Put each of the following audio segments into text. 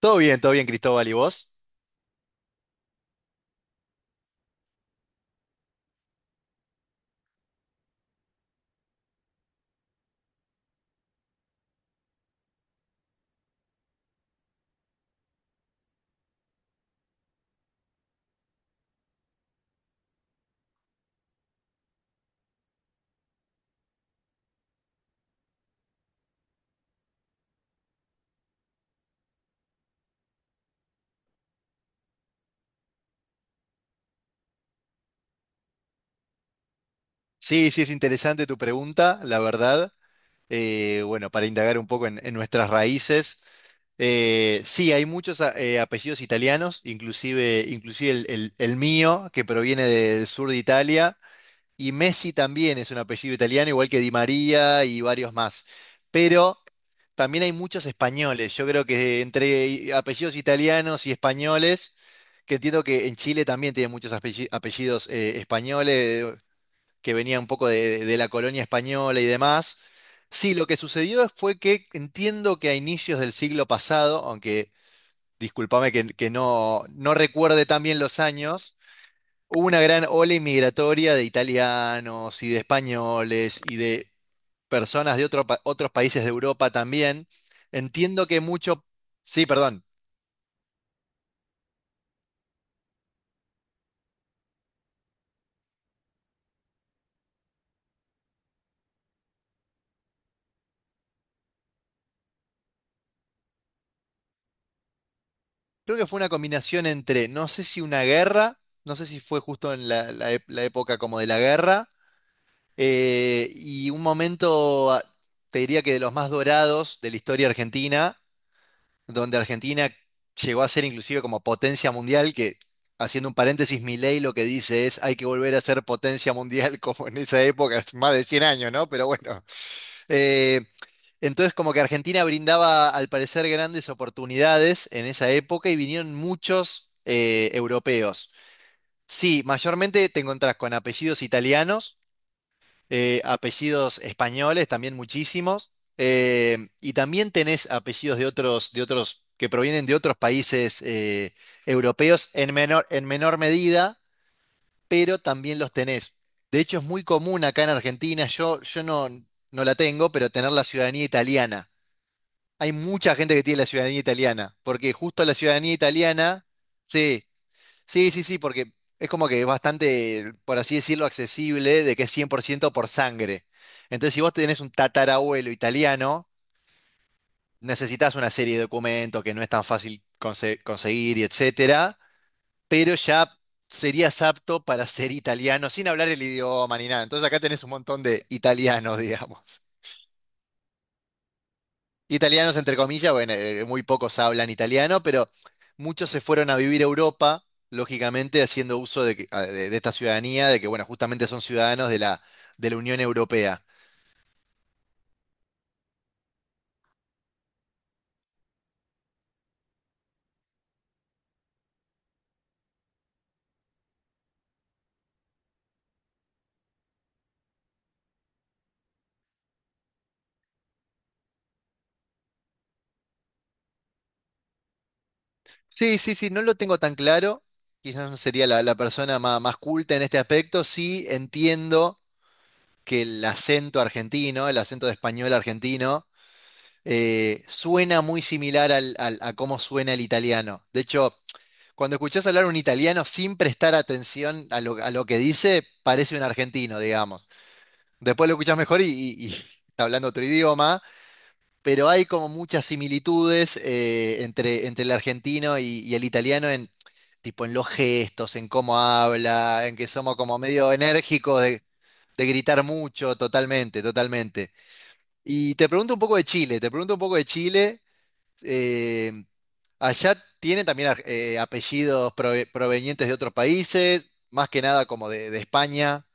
Todo bien, Cristóbal, ¿y vos? Sí, sí, es interesante tu pregunta, la verdad. Bueno, para indagar un poco en nuestras raíces. Sí, hay muchos apellidos italianos, inclusive el mío, que proviene del sur de Italia, y Messi también es un apellido italiano, igual que Di María y varios más. Pero también hay muchos españoles. Yo creo que entre apellidos italianos y españoles, que entiendo que en Chile también tienen muchos apellidos españoles, que venía un poco de la colonia española y demás. Sí, lo que sucedió fue que entiendo que a inicios del siglo pasado, aunque discúlpame que no recuerde tan bien los años, hubo una gran ola inmigratoria de italianos y de españoles y de personas de otros países de Europa también. Entiendo que mucho, sí, perdón, creo que fue una combinación entre, no sé si una guerra, no sé si fue justo en la época como de la guerra. Y un momento, te diría que de los más dorados de la historia argentina, donde Argentina llegó a ser inclusive como potencia mundial, que, haciendo un paréntesis, Milei lo que dice es hay que volver a ser potencia mundial como en esa época, es más de 100 años, ¿no? Pero bueno. Eh, entonces como que Argentina brindaba al parecer grandes oportunidades en esa época y vinieron muchos europeos. Sí, mayormente te encontrás con apellidos italianos, apellidos españoles, también muchísimos, y también tenés apellidos de otros, que provienen de otros países europeos en menor medida, pero también los tenés. De hecho, es muy común acá en Argentina, yo no la tengo, pero tener la ciudadanía italiana. Hay mucha gente que tiene la ciudadanía italiana, porque justo la ciudadanía italiana, sí. Sí, sí, sí, porque es como que es bastante, por así decirlo, accesible, de que es 100% por ciento por sangre. Entonces, si vos tenés un tatarabuelo italiano, necesitas una serie de documentos que no es tan fácil conseguir y etcétera, pero ya serías apto para ser italiano sin hablar el idioma ni nada. Entonces, acá tenés un montón de italianos, digamos. Italianos, entre comillas, bueno, muy pocos hablan italiano, pero muchos se fueron a vivir a Europa, lógicamente haciendo uso de esta ciudadanía, de que, bueno, justamente son ciudadanos de la Unión Europea. Sí, sí, sí, no lo tengo tan claro. Quizás no sería la persona más culta en este aspecto. Sí, entiendo que el acento argentino, el acento de español argentino, suena muy similar a cómo suena el italiano. De hecho, cuando escuchás hablar un italiano sin prestar atención a lo que dice, parece un argentino, digamos. Después lo escuchás mejor y está hablando otro idioma, pero hay como muchas similitudes entre el argentino y el italiano en, tipo, en los gestos, en cómo habla, en que somos como medio enérgicos de gritar mucho, totalmente, totalmente. Y te pregunto un poco de Chile, te pregunto un poco de Chile. eh, Allá tiene también apellidos provenientes de otros países, más que nada como de España.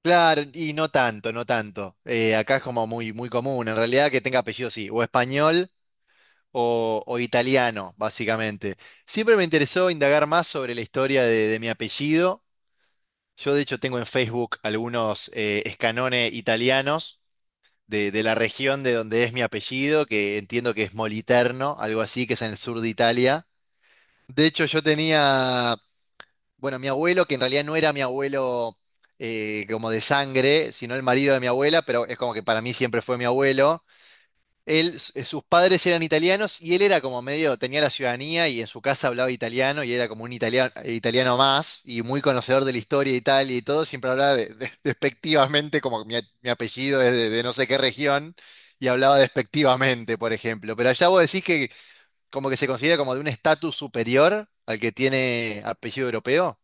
Claro, y no tanto, no tanto. Acá es como muy, muy común, en realidad, que tenga apellido sí, o español o italiano, básicamente. Siempre me interesó indagar más sobre la historia de mi apellido. Yo, de hecho, tengo en Facebook algunos escanones italianos de la región de donde es mi apellido, que entiendo que es Moliterno, algo así, que es en el sur de Italia. De hecho, yo tenía, bueno, mi abuelo, que en realidad no era mi abuelo como de sangre, sino el marido de mi abuela, pero es como que para mí siempre fue mi abuelo. Él, sus padres eran italianos y él era como medio, tenía la ciudadanía y en su casa hablaba italiano y era como un italiano, italiano más y muy conocedor de la historia de Italia y todo, siempre hablaba despectivamente, como mi apellido es de no sé qué región, y hablaba despectivamente, por ejemplo. Pero allá vos decís como que se considera como de un estatus superior al que tiene apellido europeo.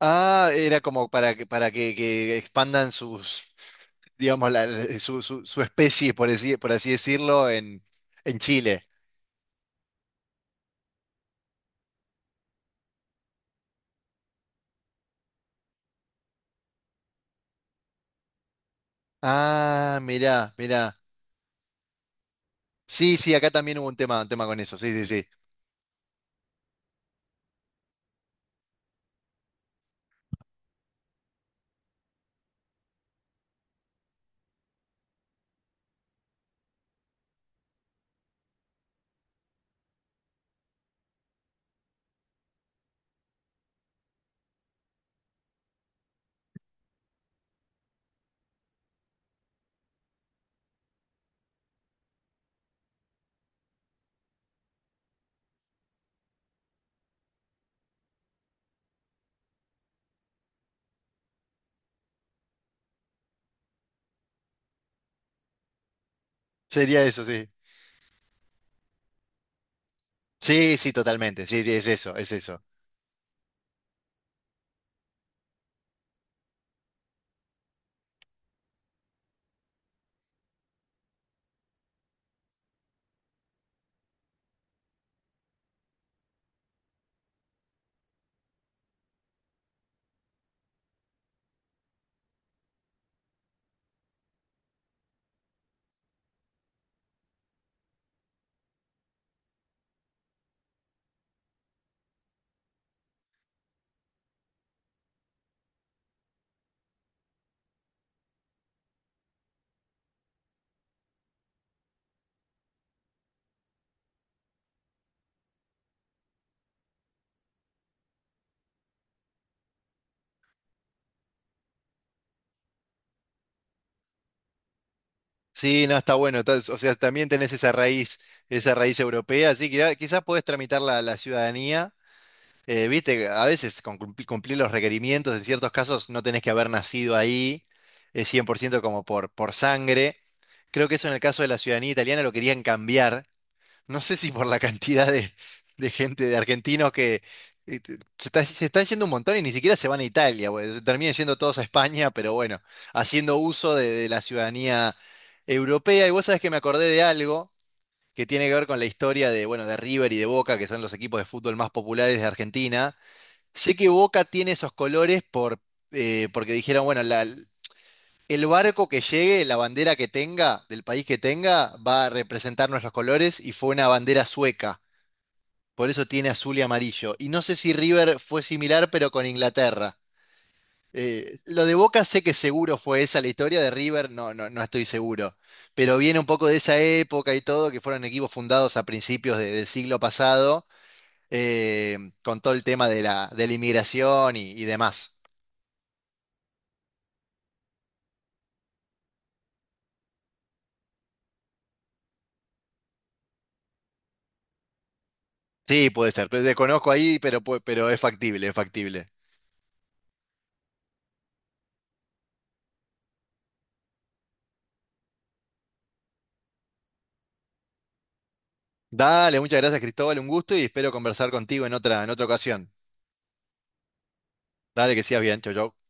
Ah, era como para que expandan sus, digamos, su especie, por así decirlo, en Chile. Ah, mirá, mirá. Sí, sí, acá también hubo un tema con eso, sí, sí, sí. Sería eso, sí. Sí, sí, totalmente, sí, sí, es eso, es eso. Sí, no, está bueno, o sea, también tenés esa raíz europea, así que quizás podés tramitar la ciudadanía. Viste, a veces con cumplir los requerimientos, en ciertos casos no tenés que haber nacido ahí, es 100% como por sangre. Creo que eso en el caso de la ciudadanía italiana lo querían cambiar. No sé si por la cantidad de gente, de argentinos que se está yendo un montón y ni siquiera se van a Italia, güey, se terminan yendo todos a España, pero bueno, haciendo uso de la ciudadanía europea. Y vos sabés que me acordé de algo que tiene que ver con la historia de, bueno, de River y de Boca, que son los equipos de fútbol más populares de Argentina. Sé que Boca tiene esos colores porque dijeron, bueno, el barco que llegue, la bandera que tenga, del país que tenga, va a representar nuestros colores y fue una bandera sueca. Por eso tiene azul y amarillo. Y no sé si River fue similar, pero con Inglaterra. Lo de Boca sé que seguro fue esa la historia de River, no, no, no estoy seguro. Pero viene un poco de esa época y todo, que fueron equipos fundados a principios del siglo pasado, con todo el tema de la inmigración y demás. Sí, puede ser. Pues desconozco ahí, pero, pero es factible, es factible. Dale, muchas gracias, Cristóbal. Un gusto y espero conversar contigo en otra ocasión. Dale, que sigas bien. Chau, chau.